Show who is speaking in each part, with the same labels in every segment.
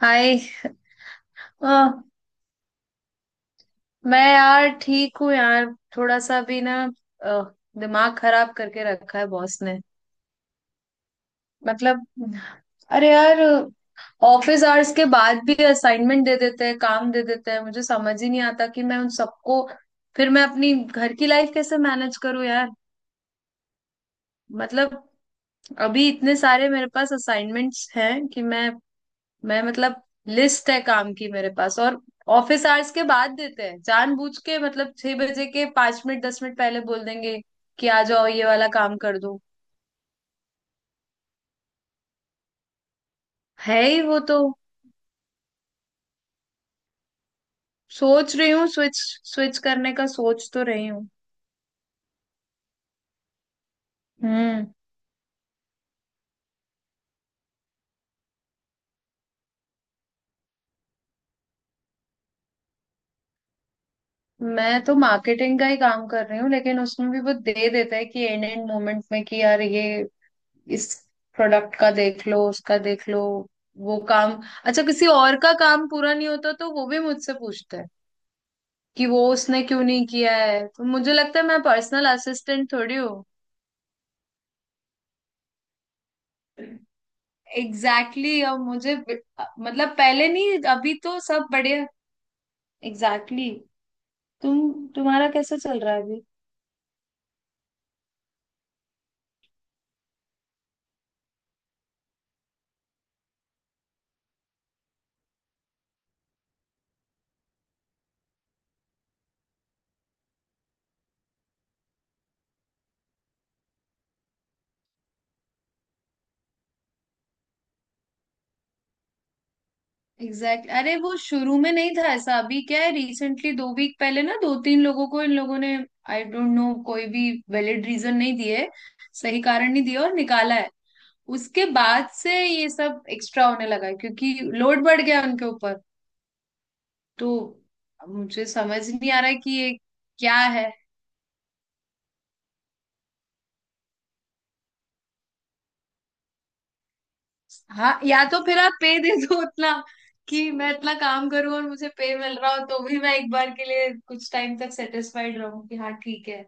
Speaker 1: हाय। अ, मैं यार ठीक हूँ यार। थोड़ा सा भी ना अ, दिमाग खराब करके रखा है बॉस ने। मतलब अरे यार ऑफिस आवर्स के बाद भी असाइनमेंट दे देते हैं, काम दे देते हैं, मुझे समझ ही नहीं आता कि मैं उन सबको फिर मैं अपनी घर की लाइफ कैसे मैनेज करूँ यार। मतलब अभी इतने सारे मेरे पास असाइनमेंट्स हैं कि मैं मतलब लिस्ट है काम की मेरे पास। और ऑफिस आवर्स के बाद देते हैं जानबूझ के, मतलब छह बजे के पांच मिनट दस मिनट पहले बोल देंगे कि आ जाओ ये वाला काम कर दो। है ही वो तो। सोच रही हूँ स्विच, स्विच करने का सोच तो रही हूँ। हम्म, मैं तो मार्केटिंग का ही काम कर रही हूँ लेकिन उसमें भी वो दे देता है कि एंड एंड मोमेंट में कि यार ये इस प्रोडक्ट का देख लो उसका देख लो वो काम। अच्छा किसी और का काम पूरा नहीं होता तो वो भी मुझसे पूछता है कि वो उसने क्यों नहीं किया है। तो मुझे लगता है मैं पर्सनल असिस्टेंट थोड़ी हूँ। एग्जैक्टली exactly, अब मुझे मतलब पहले नहीं अभी तो सब बढ़िया। Exactly exactly। तुम तुम्हारा कैसा चल रहा है अभी? Exact exactly। अरे वो शुरू में नहीं था ऐसा, अभी क्या है रिसेंटली दो वीक पहले ना दो तीन लोगों को इन लोगों ने, आई डोंट नो, कोई भी वैलिड रीजन नहीं दिए, सही कारण नहीं दिया और निकाला है। उसके बाद से ये सब एक्स्ट्रा होने लगा है, क्योंकि लोड बढ़ गया उनके ऊपर। तो मुझे समझ नहीं आ रहा है कि ये क्या है। हाँ या तो फिर आप पे दे दो उतना कि मैं इतना काम करूं और मुझे पे मिल रहा हो तो भी मैं एक बार के लिए कुछ टाइम तक सेटिस्फाइड रहूं कि हाँ ठीक है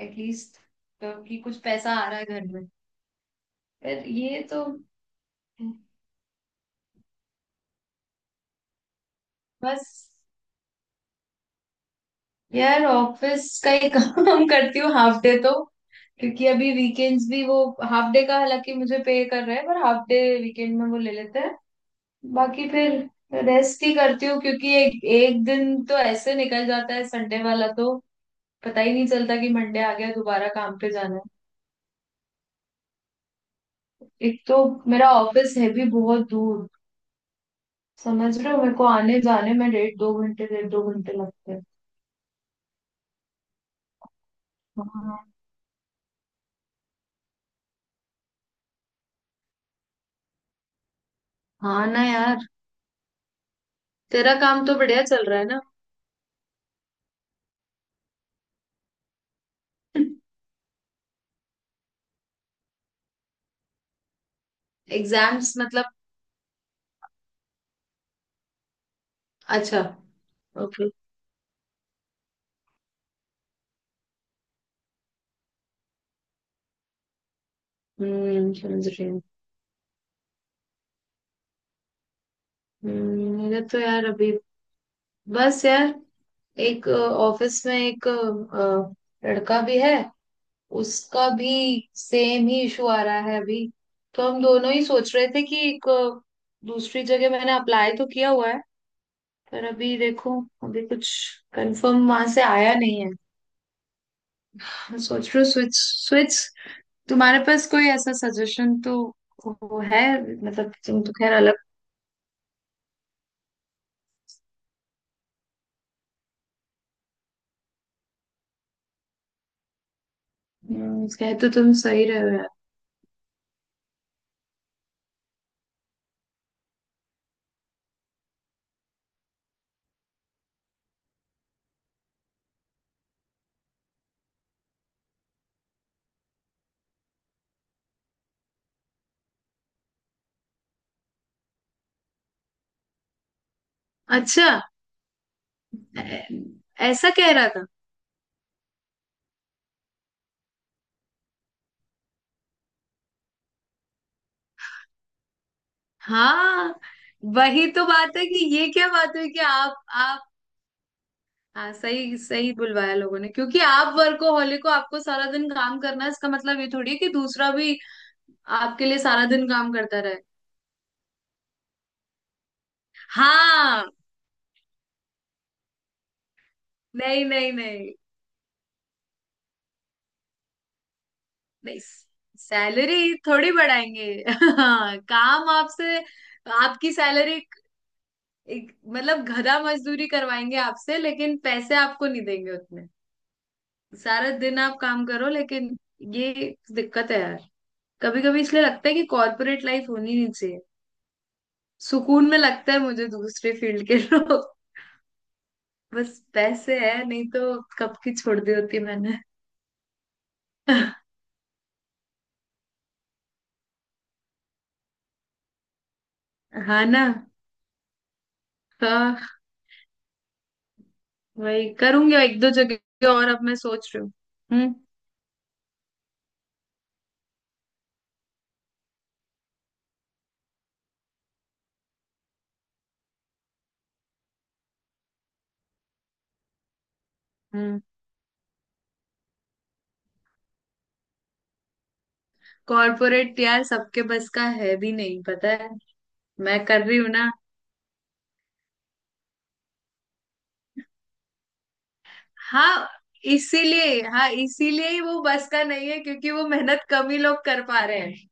Speaker 1: एटलीस्ट तो कि कुछ पैसा आ रहा है घर में। पर ये तो बस यार ऑफिस का ही काम करती हूँ हाफ डे तो, क्योंकि अभी वीकेंड्स भी वो हाफ डे का हालांकि मुझे पे कर रहे हैं पर हाफ डे वीकेंड में वो ले लेते हैं। बाकी फिर रेस्ट ही करती हूँ क्योंकि एक एक दिन तो ऐसे निकल जाता है संडे वाला तो पता ही नहीं चलता कि मंडे आ गया दोबारा काम पे जाना है। एक तो मेरा ऑफिस है भी बहुत दूर, समझ रहे हो, मेरे को आने जाने में डेढ़ दो घंटे लगते हैं। हाँ। हाँ ना यार। तेरा काम तो बढ़िया चल रहा है ना एग्जाम्स मतलब? अच्छा। ओके। हम्म, समझ रही हूँ। मेरा तो यार अभी बस यार, एक ऑफिस में एक लड़का भी है उसका भी सेम ही इशू आ रहा है अभी। तो हम दोनों ही सोच रहे थे कि एक दूसरी जगह मैंने अप्लाई तो किया हुआ है पर अभी देखो अभी कुछ कंफर्म वहां से आया नहीं है। मैं सोच रही हूँ स्विच स्विच। तुम्हारे पास कोई ऐसा सजेशन तो वो है? मतलब तुम तो खैर अलग। कह तो तुम सही रहे हो यार। अच्छा ऐ- ऐसा कह रहा था? हाँ वही तो बात है कि ये क्या बात हुई कि आप। हाँ सही सही बुलवाया लोगों ने क्योंकि आप वर्कोहॉलिक को आपको सारा दिन काम करना है इसका मतलब ये थोड़ी है कि दूसरा भी आपके लिए सारा दिन काम करता रहे। हाँ। नहीं नहीं नहीं, नहीं सैलरी थोड़ी बढ़ाएंगे हाँ काम आपसे आपकी सैलरी मतलब गधा मजदूरी करवाएंगे आपसे लेकिन पैसे आपको नहीं देंगे उतने। सारा दिन आप काम करो लेकिन ये दिक्कत है यार। कभी कभी इसलिए लगता है कि कॉर्पोरेट लाइफ होनी नहीं चाहिए, सुकून में लगता है मुझे दूसरे फील्ड के लोग। बस पैसे है नहीं तो कब की छोड़ दी होती मैंने हाँ ना। हाँ वही करूंगी एक दो जगह और अब मैं सोच रही हूँ। हम्म। हम्म। कॉर्पोरेट यार सबके बस का है भी नहीं, पता है मैं कर रही हूँ ना। हाँ इसीलिए, हाँ इसीलिए ही वो बस का नहीं है क्योंकि वो मेहनत कम ही लोग कर पा रहे हैं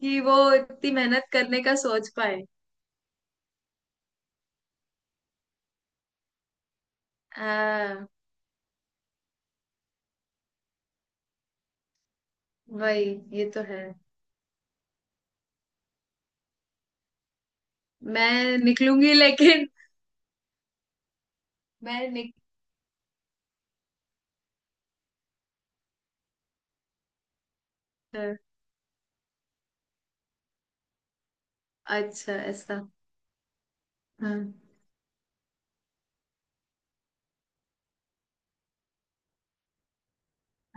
Speaker 1: कि वो इतनी मेहनत करने का सोच पाए। हाँ वही। ये तो है। मैं निकलूंगी लेकिन मैं निक अच्छा ऐसा? हाँ।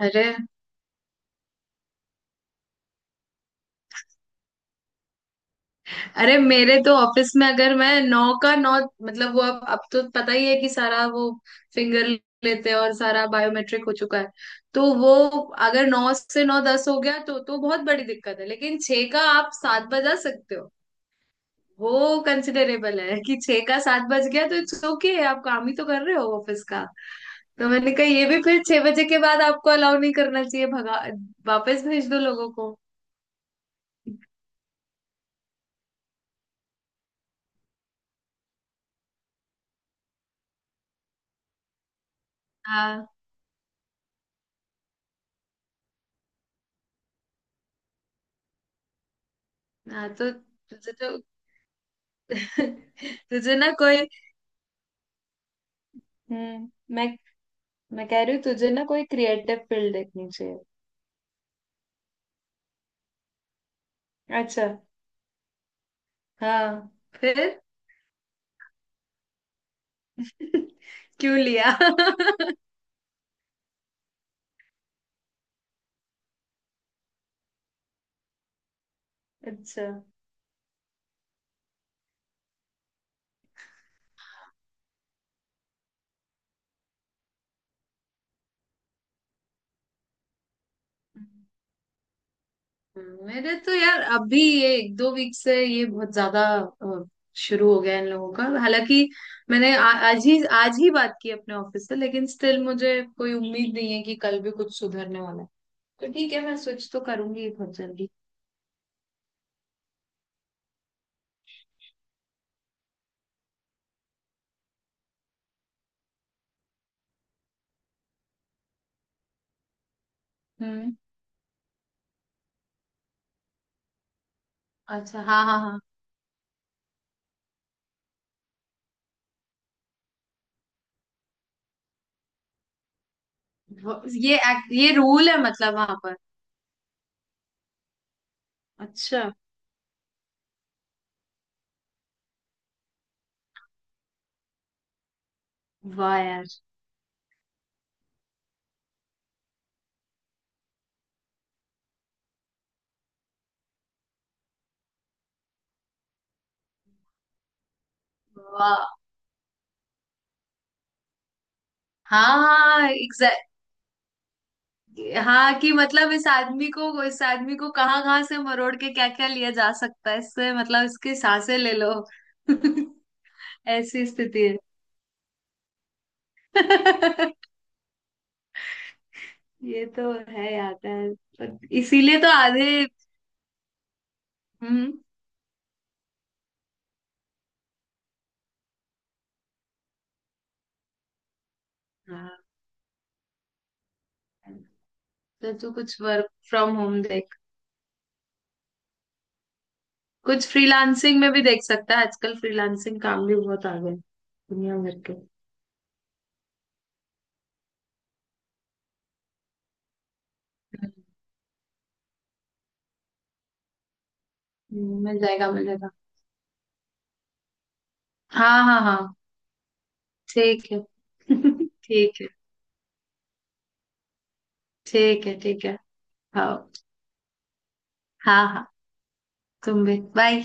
Speaker 1: अरे। अरे मेरे तो ऑफिस में अगर मैं नौ का नौ मतलब वो अब तो पता ही है कि सारा वो फिंगर लेते हैं और सारा बायोमेट्रिक हो चुका है। तो वो अगर नौ से नौ दस हो गया तो बहुत बड़ी दिक्कत है लेकिन छह का आप सात बजा सकते हो। वो कंसिडरेबल है कि छह का सात बज गया तो इट्स ओके, आप काम ही तो कर रहे हो ऑफिस का। तो मैंने कहा ये भी फिर छह बजे के बाद आपको अलाउ नहीं करना चाहिए, भगा वापस भेज दो लोगों को। हाँ हाँ तो तुझे तो तुझे ना कोई। हम्म। मैं मैं कह रही हूँ तुझे ना कोई क्रिएटिव फील्ड देखनी चाहिए। अच्छा। हाँ। फिर क्यों लिया अच्छा। मेरे तो यार अभी ये एक दो वीक से ये बहुत ज्यादा अ, शुरू हो गया इन लोगों का। हालांकि मैंने आज ही बात की अपने ऑफिस से लेकिन स्टिल मुझे कोई उम्मीद नहीं है कि कल भी कुछ सुधरने वाला है। तो ठीक है मैं स्विच तो करूंगी बहुत जल्दी। हम्म। अच्छा। हाँ हाँ हाँ। ये ये रूल है मतलब वहां पर? अच्छा। वाह यार। वाह। हाँ हाँ हाँ कि मतलब इस आदमी को कहाँ कहाँ से मरोड़ के क्या क्या लिया जा सकता है इससे, मतलब इसकी सांसें ले लो। ऐसी स्थिति है। ये तो है यार पर इसीलिए तो आधे। हम्म। हाँ तो तू कुछ वर्क फ्रॉम होम देख, कुछ फ्रीलांसिंग में भी देख सकता है आजकल फ्रीलांसिंग काम भी बहुत आ गए दुनिया भर के। मिल जाएगा मिल जाएगा। हाँ हाँ हाँ। ठीक है ठीक है ठीक है ठीक है। हाँ हाँ हाँ तुम भी बाय।